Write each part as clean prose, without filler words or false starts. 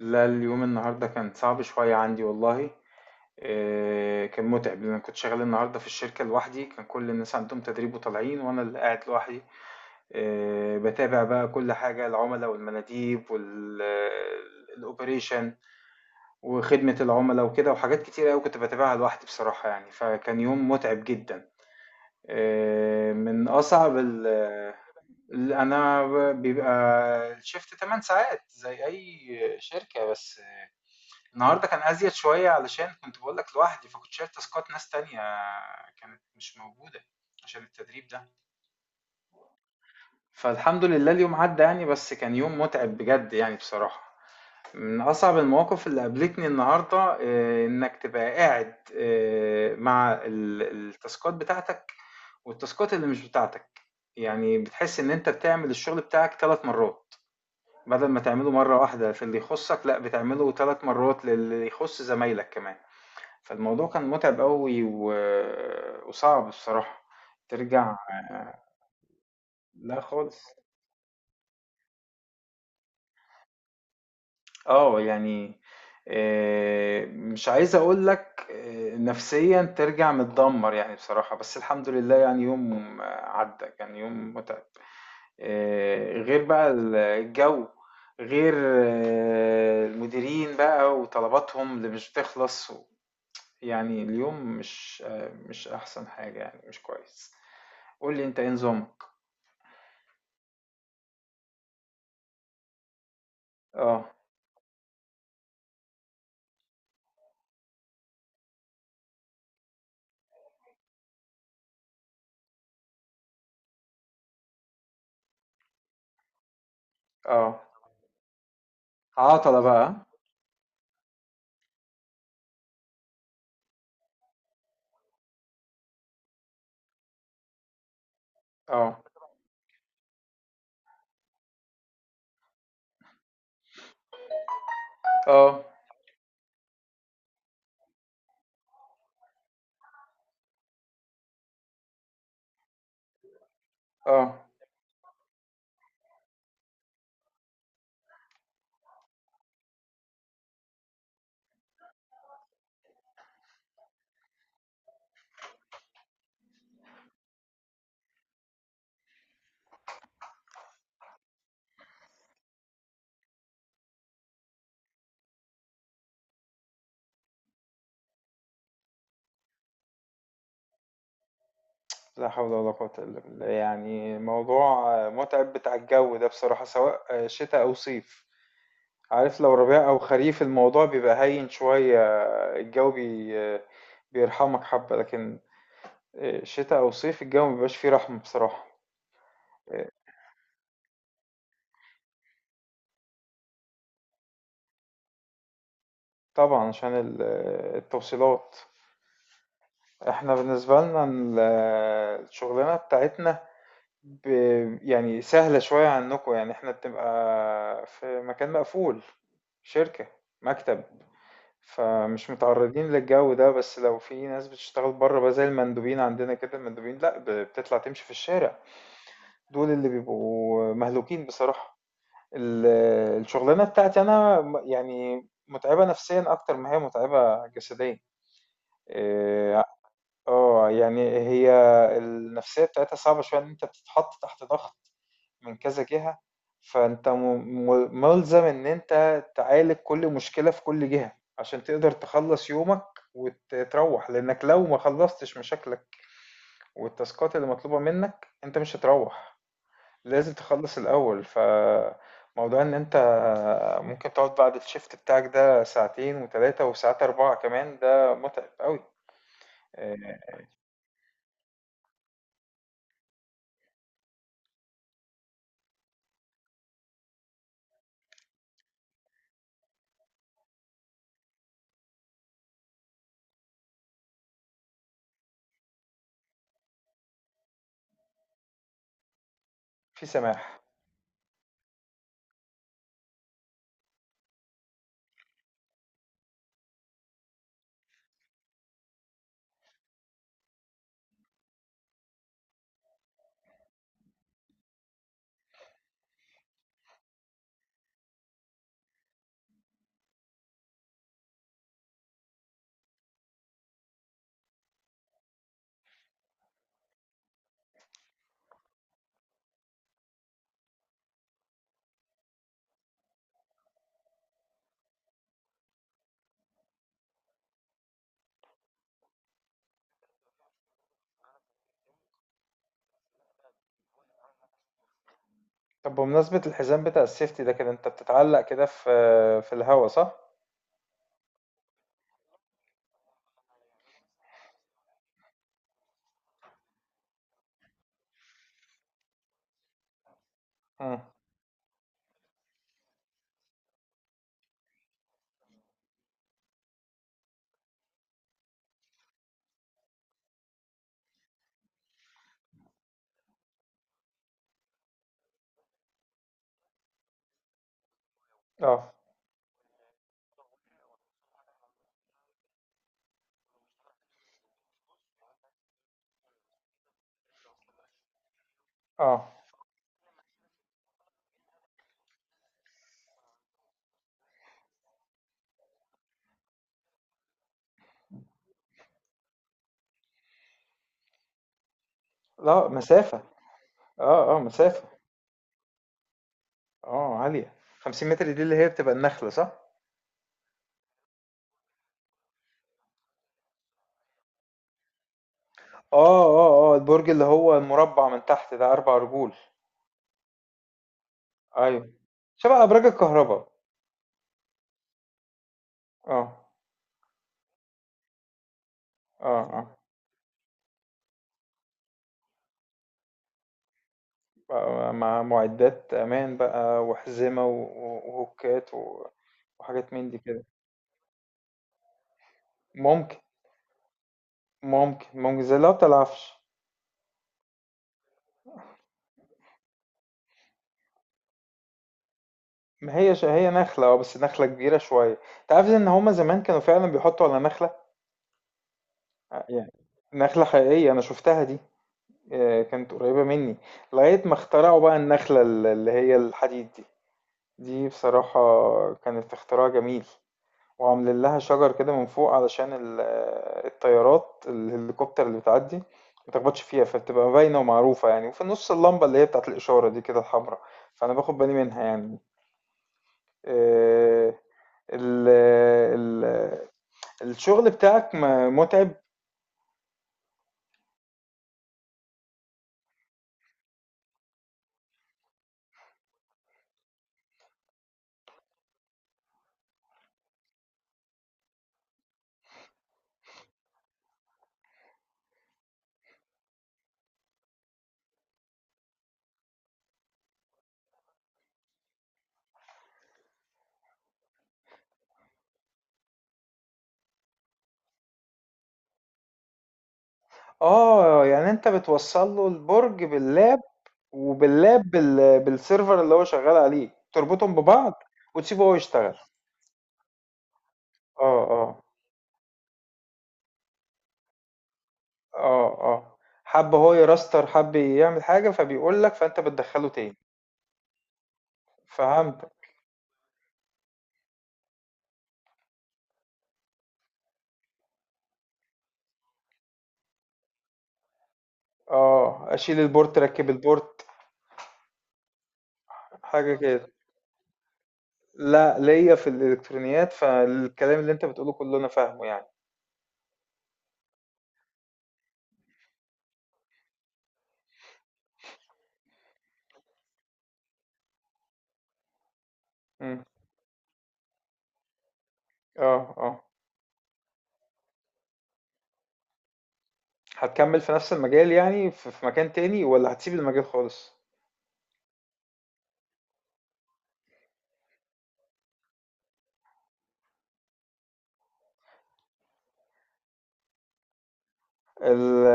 لا، اليوم النهاردة كان صعب شوية عندي والله. كان متعب لأن أنا كنت شغال النهاردة في الشركة لوحدي، كان كل الناس عندهم تدريب وطالعين وأنا اللي قاعد لوحدي. بتابع بقى كل حاجة، العملاء والمناديب والأوبريشن وخدمة العملاء وكده، وحاجات كتير أوي كنت بتابعها لوحدي بصراحة يعني، فكان يوم متعب جدا. آه، من أصعب ال ال- أنا ب- بيبقى الشفت 8 ساعات زي أي شركة، بس النهارده كان أزيد شوية علشان كنت باقول لك لوحدي، فكنت شايل تاسكات ناس تانية كانت مش موجودة عشان التدريب ده. فالحمد لله اليوم عدّى يعني، بس كان يوم متعب بجد يعني بصراحة. من أصعب المواقف اللي قابلتني النهارده إنك تبقى قاعد مع التاسكات بتاعتك والتاسكات اللي مش بتاعتك. يعني بتحس إن أنت بتعمل الشغل بتاعك 3 مرّات، بدل ما تعمله مرّة واحدة في اللي يخُصّك، لأ بتعمله 3 مرّات للي يخُص زمايلك كمان. فالموضوع كان متعب أوي وصعب الصراحة. ترجع. لا خالص. اه، يعني مش عايز اقول لك، نفسيا ترجع متدمر يعني بصراحة، بس الحمد لله يعني يوم عدى، كان يوم متعب. غير بقى الجو، غير المديرين بقى وطلباتهم اللي مش بتخلص يعني اليوم مش احسن حاجة يعني، مش كويس. قول لي، انت ايه نظامك؟ اه اه، عطلة بقى. اه اه اه، لا حول ولا قوة إلا بالله، يعني موضوع متعب بتاع الجو ده بصراحة، سواء شتاء أو صيف. عارف، لو ربيع أو خريف الموضوع بيبقى هين شوية. الجو بيرحمك حبة، لكن شتاء أو صيف الجو مبيبقاش فيه رحمة بصراحة. طبعا عشان التوصيلات. احنا بالنسبة لنا الشغلانة بتاعتنا ب... يعني سهلة شوية عنكم، يعني احنا بتبقى في مكان مقفول، شركة، مكتب، فمش متعرضين للجو ده. بس لو في ناس بتشتغل بره بقى زي المندوبين عندنا كده، المندوبين لا بتطلع تمشي في الشارع، دول اللي بيبقوا مهلوكين بصراحة. ال- الشغلانة بتاعتي انا يعني متعبة نفسيا اكتر ما هي متعبة جسديا. إيه، يعني هي النفسية بتاعتها صعبة شوية، إن أنت بتتحط تحت ضغط من كذا جهة. فأنت ملزم إن أنت تعالج كل مشكلة في كل جهة عشان تقدر تخلص يومك وتروح، لأنك لو ما خلصتش مشاكلك والتاسكات اللي مطلوبة منك أنت مش هتروح، لازم تخلص الأول. فموضوع إن أنت ممكن تقعد بعد الشيفت بتاعك ده ساعتين وتلاتة وساعات أربعة كمان، ده متعب قوي. آه، في سماح. طب، بمناسبة الحزام بتاع السيفتي ده، كده انت بتتعلق كده في الهوا، صح؟ مم. اه اه، لا مسافة. اه اه، مسافة. اه، عالية. 50 متر دي اللي هي بتبقى النخلة، صح؟ اه اه اه، البرج اللي هو المربع من تحت ده اربع رجول. ايوه، شبه ابراج الكهرباء. اه اه اه، مع معدات امان بقى وحزمة وهوكات وحاجات من دي كده. ممكن ممكن زي اللي هو بتاع العفش. ما هي هي نخلة، اه بس نخلة كبيرة شوية. انت عارف ان هما زمان كانوا فعلا بيحطوا على نخلة؟ يعني نخلة حقيقية انا شفتها دي. كانت قريبة مني. لغاية ما اخترعوا بقى النخلة اللي هي الحديد دي. دي بصراحة كانت اختراع جميل، وعاملين لها شجر كده من فوق علشان الطيارات الهليكوبتر اللي بتعدي ما تخبطش فيها، فبتبقى باينة ومعروفة يعني، وفي النص اللمبة اللي هي بتاعت الإشارة دي كده الحمراء، فأنا باخد بالي منها يعني. آه، ال ال الشغل بتاعك متعب. اه، يعني انت بتوصل له البرج باللاب، وباللاب بالسيرفر اللي هو شغال عليه، تربطهم ببعض وتسيبه هو يشتغل. اه اه، اه اه، حب هو يراستر، حب يعمل حاجة فبيقول لك، فانت بتدخله تاني. فهمت. اه، اشيل البورت، ركب البورت، حاجة كده. لا، ليا في الالكترونيات، فالكلام اللي انت بتقوله كله انا فاهمه يعني. مم. اه اه، هتكمل في نفس المجال يعني في مكان تاني، ولا هتسيب المجال خالص؟ ال-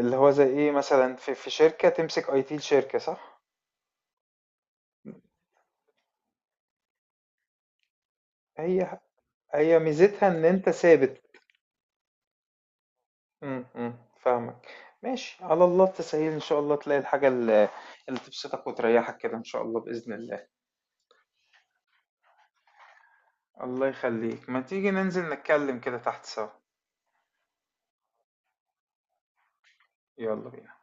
اللي هو زي ايه مثلا، في شركة تمسك IT الشركة، صح؟ هي هي ميزتها ان انت ثابت. أمم، فاهمك. ماشي، على الله التسهيل، ان شاء الله تلاقي الحاجة اللي تبسطك وتريحك كده، ان شاء الله بإذن الله. الله يخليك، ما تيجي ننزل نتكلم كده تحت سوا؟ يلا بينا.